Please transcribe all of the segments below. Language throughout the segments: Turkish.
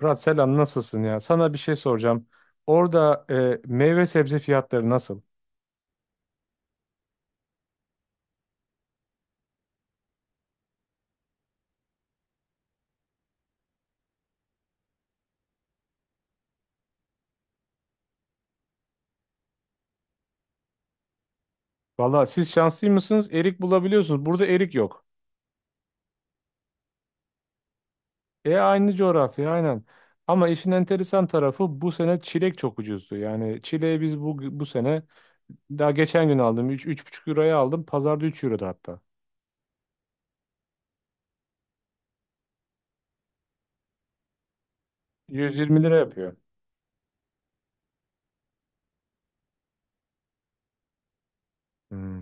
Murat selam nasılsın ya? Sana bir şey soracağım. Orada meyve sebze fiyatları nasıl? Valla siz şanslı mısınız? Erik bulabiliyorsunuz. Burada erik yok. E aynı coğrafya aynen. Ama işin enteresan tarafı bu sene çilek çok ucuzdu. Yani çileği biz bu sene daha geçen gün aldım. Üç buçuk euroya aldım. Pazarda 3 euroda hatta. Yüz yirmi lira yapıyor. Hmm,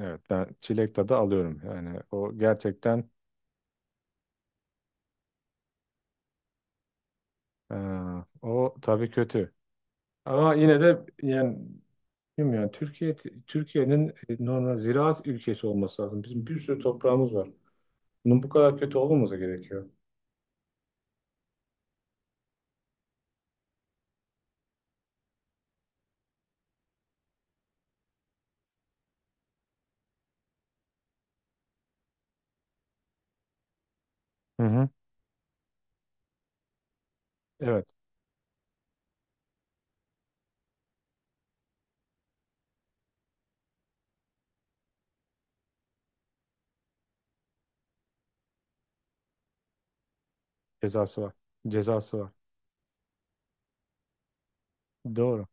evet ben çilek tadı alıyorum. Yani o gerçekten e, o tabii kötü. Ama yine de yani bilmiyorum yani Türkiye'nin normal ziraat ülkesi olması lazım. Bizim bir sürü toprağımız var. Bunun bu kadar kötü olmaması gerekiyor. Hı hı. Evet, cezası var. Cezası var. Doğru.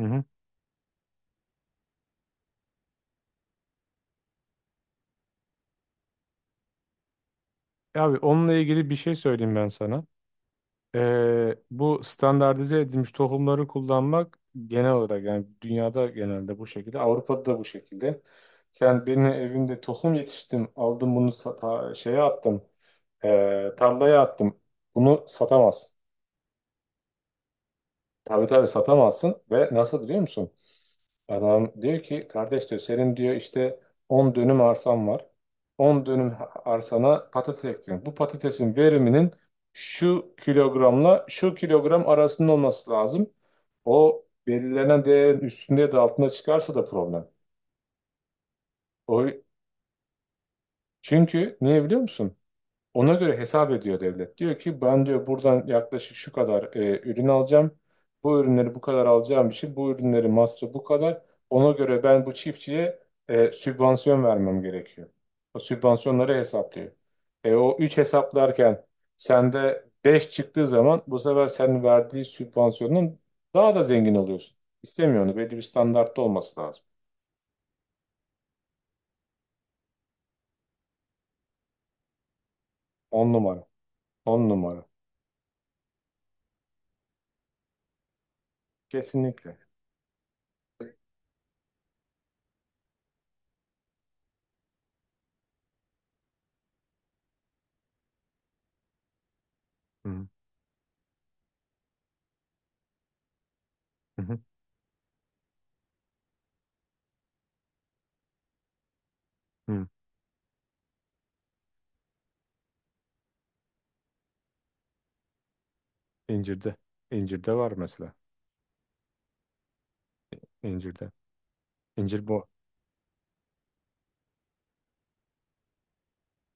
Hı hı. E abi onunla ilgili bir şey söyleyeyim ben sana. Bu standartize edilmiş tohumları kullanmak genel olarak yani dünyada genelde bu şekilde, Avrupa'da da bu şekilde. Sen benim evimde tohum yetiştim, aldım bunu şeye attım, tarlaya attım. Bunu satamazsın. Tabii tabii satamazsın, ve nasıl biliyor musun? Adam diyor ki kardeş diyor senin diyor işte 10 dönüm arsan var. 10 dönüm arsana patates ektin. Bu patatesin veriminin şu kilogramla şu kilogram arasında olması lazım. O belirlenen değerin üstünde ya da altında çıkarsa da problem. O Çünkü niye biliyor musun? Ona göre hesap ediyor devlet. Diyor ki ben diyor buradan yaklaşık şu kadar ürün alacağım. Bu ürünleri bu kadar alacağım için bu ürünleri masrafı bu kadar. Ona göre ben bu çiftçiye sübvansiyon vermem gerekiyor. O sübvansiyonları hesaplıyor. E, o 3 hesaplarken sende 5 çıktığı zaman bu sefer senin verdiği sübvansiyonun daha da zengin oluyorsun. İstemiyorsun. Belli bir standartta olması lazım. 10 numara. 10 numara. Kesinlikle. Hı hı. Hı. İncirde. İncirde var mesela. İncirde. İncir bu.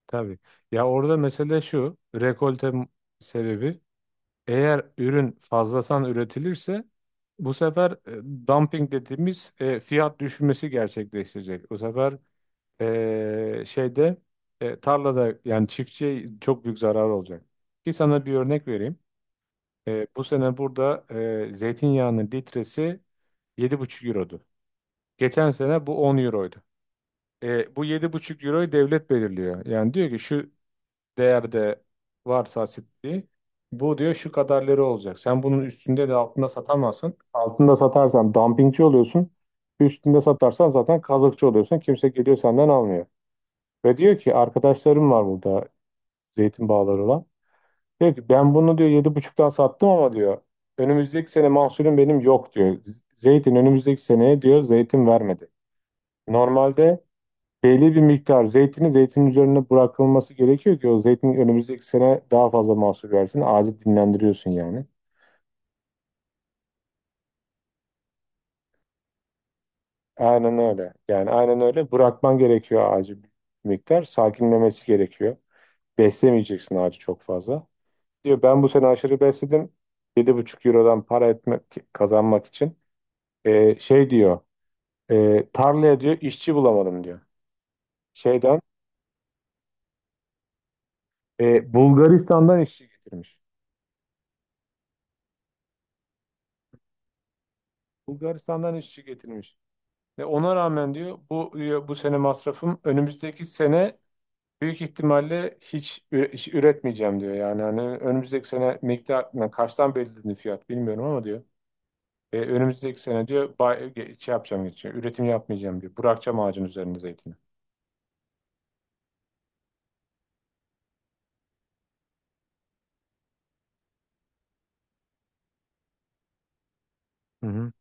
Tabii. Ya orada mesele şu. Sebebi, eğer ürün fazladan üretilirse bu sefer dumping dediğimiz fiyat düşmesi gerçekleşecek. Bu sefer e, şeyde tarlada yani çiftçiye çok büyük zarar olacak. Ki sana bir örnek vereyim. Bu sene burada zeytinyağının litresi 7,5 eurodu. Geçen sene bu 10 euroydu. Bu 7,5 euroyu devlet belirliyor. Yani diyor ki şu değerde varsa asitliği, bu diyor şu kadar lira olacak. Sen bunun üstünde de altında satamazsın. Altında satarsan dumpingçi oluyorsun. Üstünde satarsan zaten kazıkçı oluyorsun. Kimse geliyor senden almıyor. Ve diyor ki arkadaşlarım var burada zeytin bağları olan. Diyor ki ben bunu diyor 7,5'tan sattım, ama diyor önümüzdeki sene mahsulüm benim yok diyor. Zeytin önümüzdeki seneye diyor zeytin vermedi. Normalde belli bir miktar zeytini zeytin üzerine bırakılması gerekiyor ki o zeytin önümüzdeki sene daha fazla mahsul versin. Ağacı dinlendiriyorsun yani. Aynen öyle. Yani aynen öyle. Bırakman gerekiyor ağacı bir miktar. Sakinlemesi gerekiyor. Beslemeyeceksin ağacı çok fazla. Diyor ben bu sene aşırı besledim. Yedi buçuk eurodan para etmek, kazanmak için. Şey diyor. Tarlaya diyor işçi bulamadım diyor. Şeyden Bulgaristan'dan işçi getirmiş. Bulgaristan'dan işçi getirmiş. Ve ona rağmen diyor bu sene masrafım önümüzdeki sene büyük ihtimalle hiç üretmeyeceğim diyor. Yani hani önümüzdeki sene miktar yani kaçtan belirledi fiyat bilmiyorum ama diyor. Önümüzdeki sene diyor şey yapacağım geçiyor. Üretim yapmayacağım diyor. Bırakacağım ağacın üzerinde zeytini. Hı hı.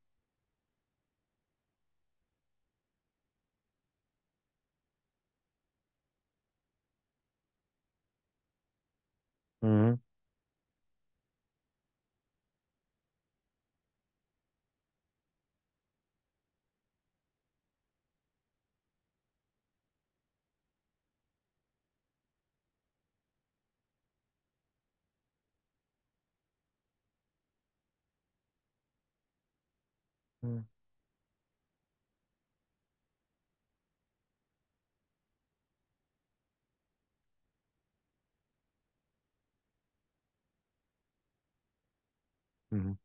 Hı hı. Hı hı.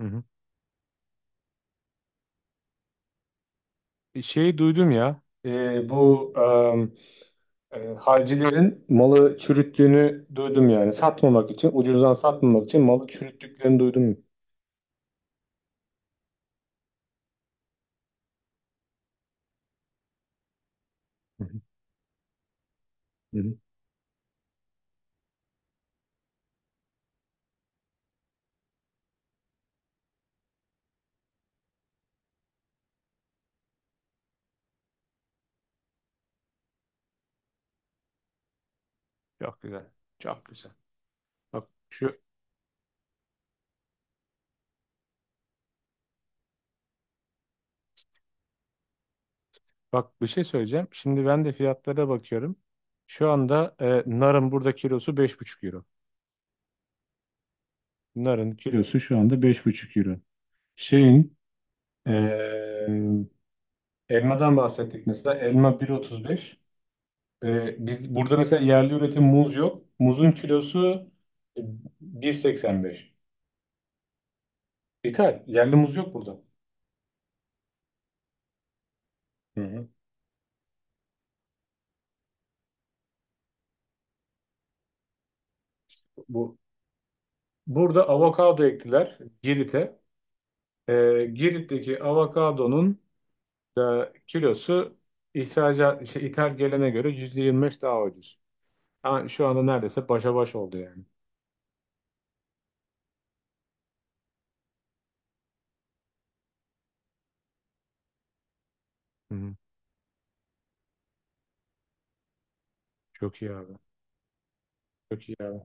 Hı hı. Şeyi duydum ya. Halcilerin malı çürüttüğünü duydum yani. Satmamak için, ucuzdan satmamak için malı çürüttüklerini duydum. Hı hı. Hı hı. Çok güzel. Çok güzel. Bak şu bak bir şey söyleyeceğim. Şimdi ben de fiyatlara bakıyorum. Şu anda narın burada kilosu 5,5 euro. Narın kilosu şu anda 5,5 euro. Şeyin e, Elmadan bahsettik mesela. Elma 1,35. Biz burada mesela yerli üretim muz yok. Muzun kilosu e, 1,85. İthal. Yerli muz yok burada. Hı hı. Bu Burada avokado ektiler Girit'e. Girit'teki avokadonun da kilosu, ihracat, şey, ithal gelene göre %25 daha ucuz. Ama şu anda neredeyse başa baş oldu yani. Hı hı. Çok iyi abi. Çok iyi abi.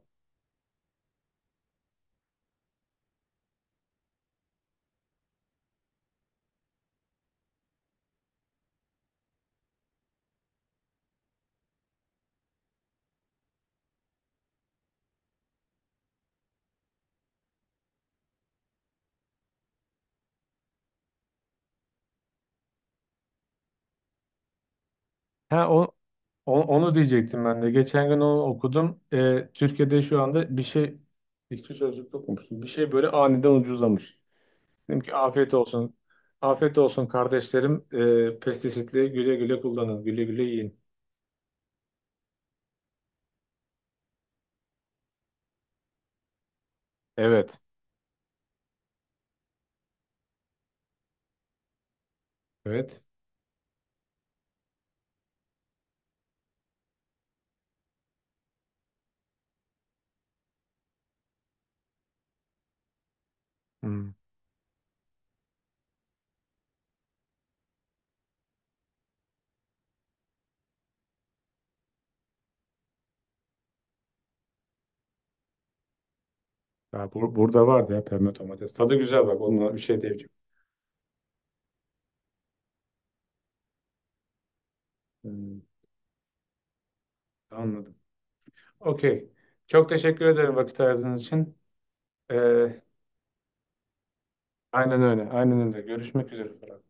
Ha, o, Onu diyecektim ben de. Geçen gün onu okudum. Türkiye'de şu anda bir şey, İktisat Sözlük'te okumuştum. Bir şey böyle aniden ucuzlamış. Dedim ki afiyet olsun. Afiyet olsun kardeşlerim. Pestisitli güle güle kullanın. Güle güle yiyin. Evet. Evet. Ya burada vardı ya pembe domates. Tadı güzel, bak onunla bir şey diyeceğim. Hmm, anladım. Okey. Çok teşekkür ederim vakit ayırdığınız için. Ee, aynen öyle. Aynen öyle. Görüşmek üzere.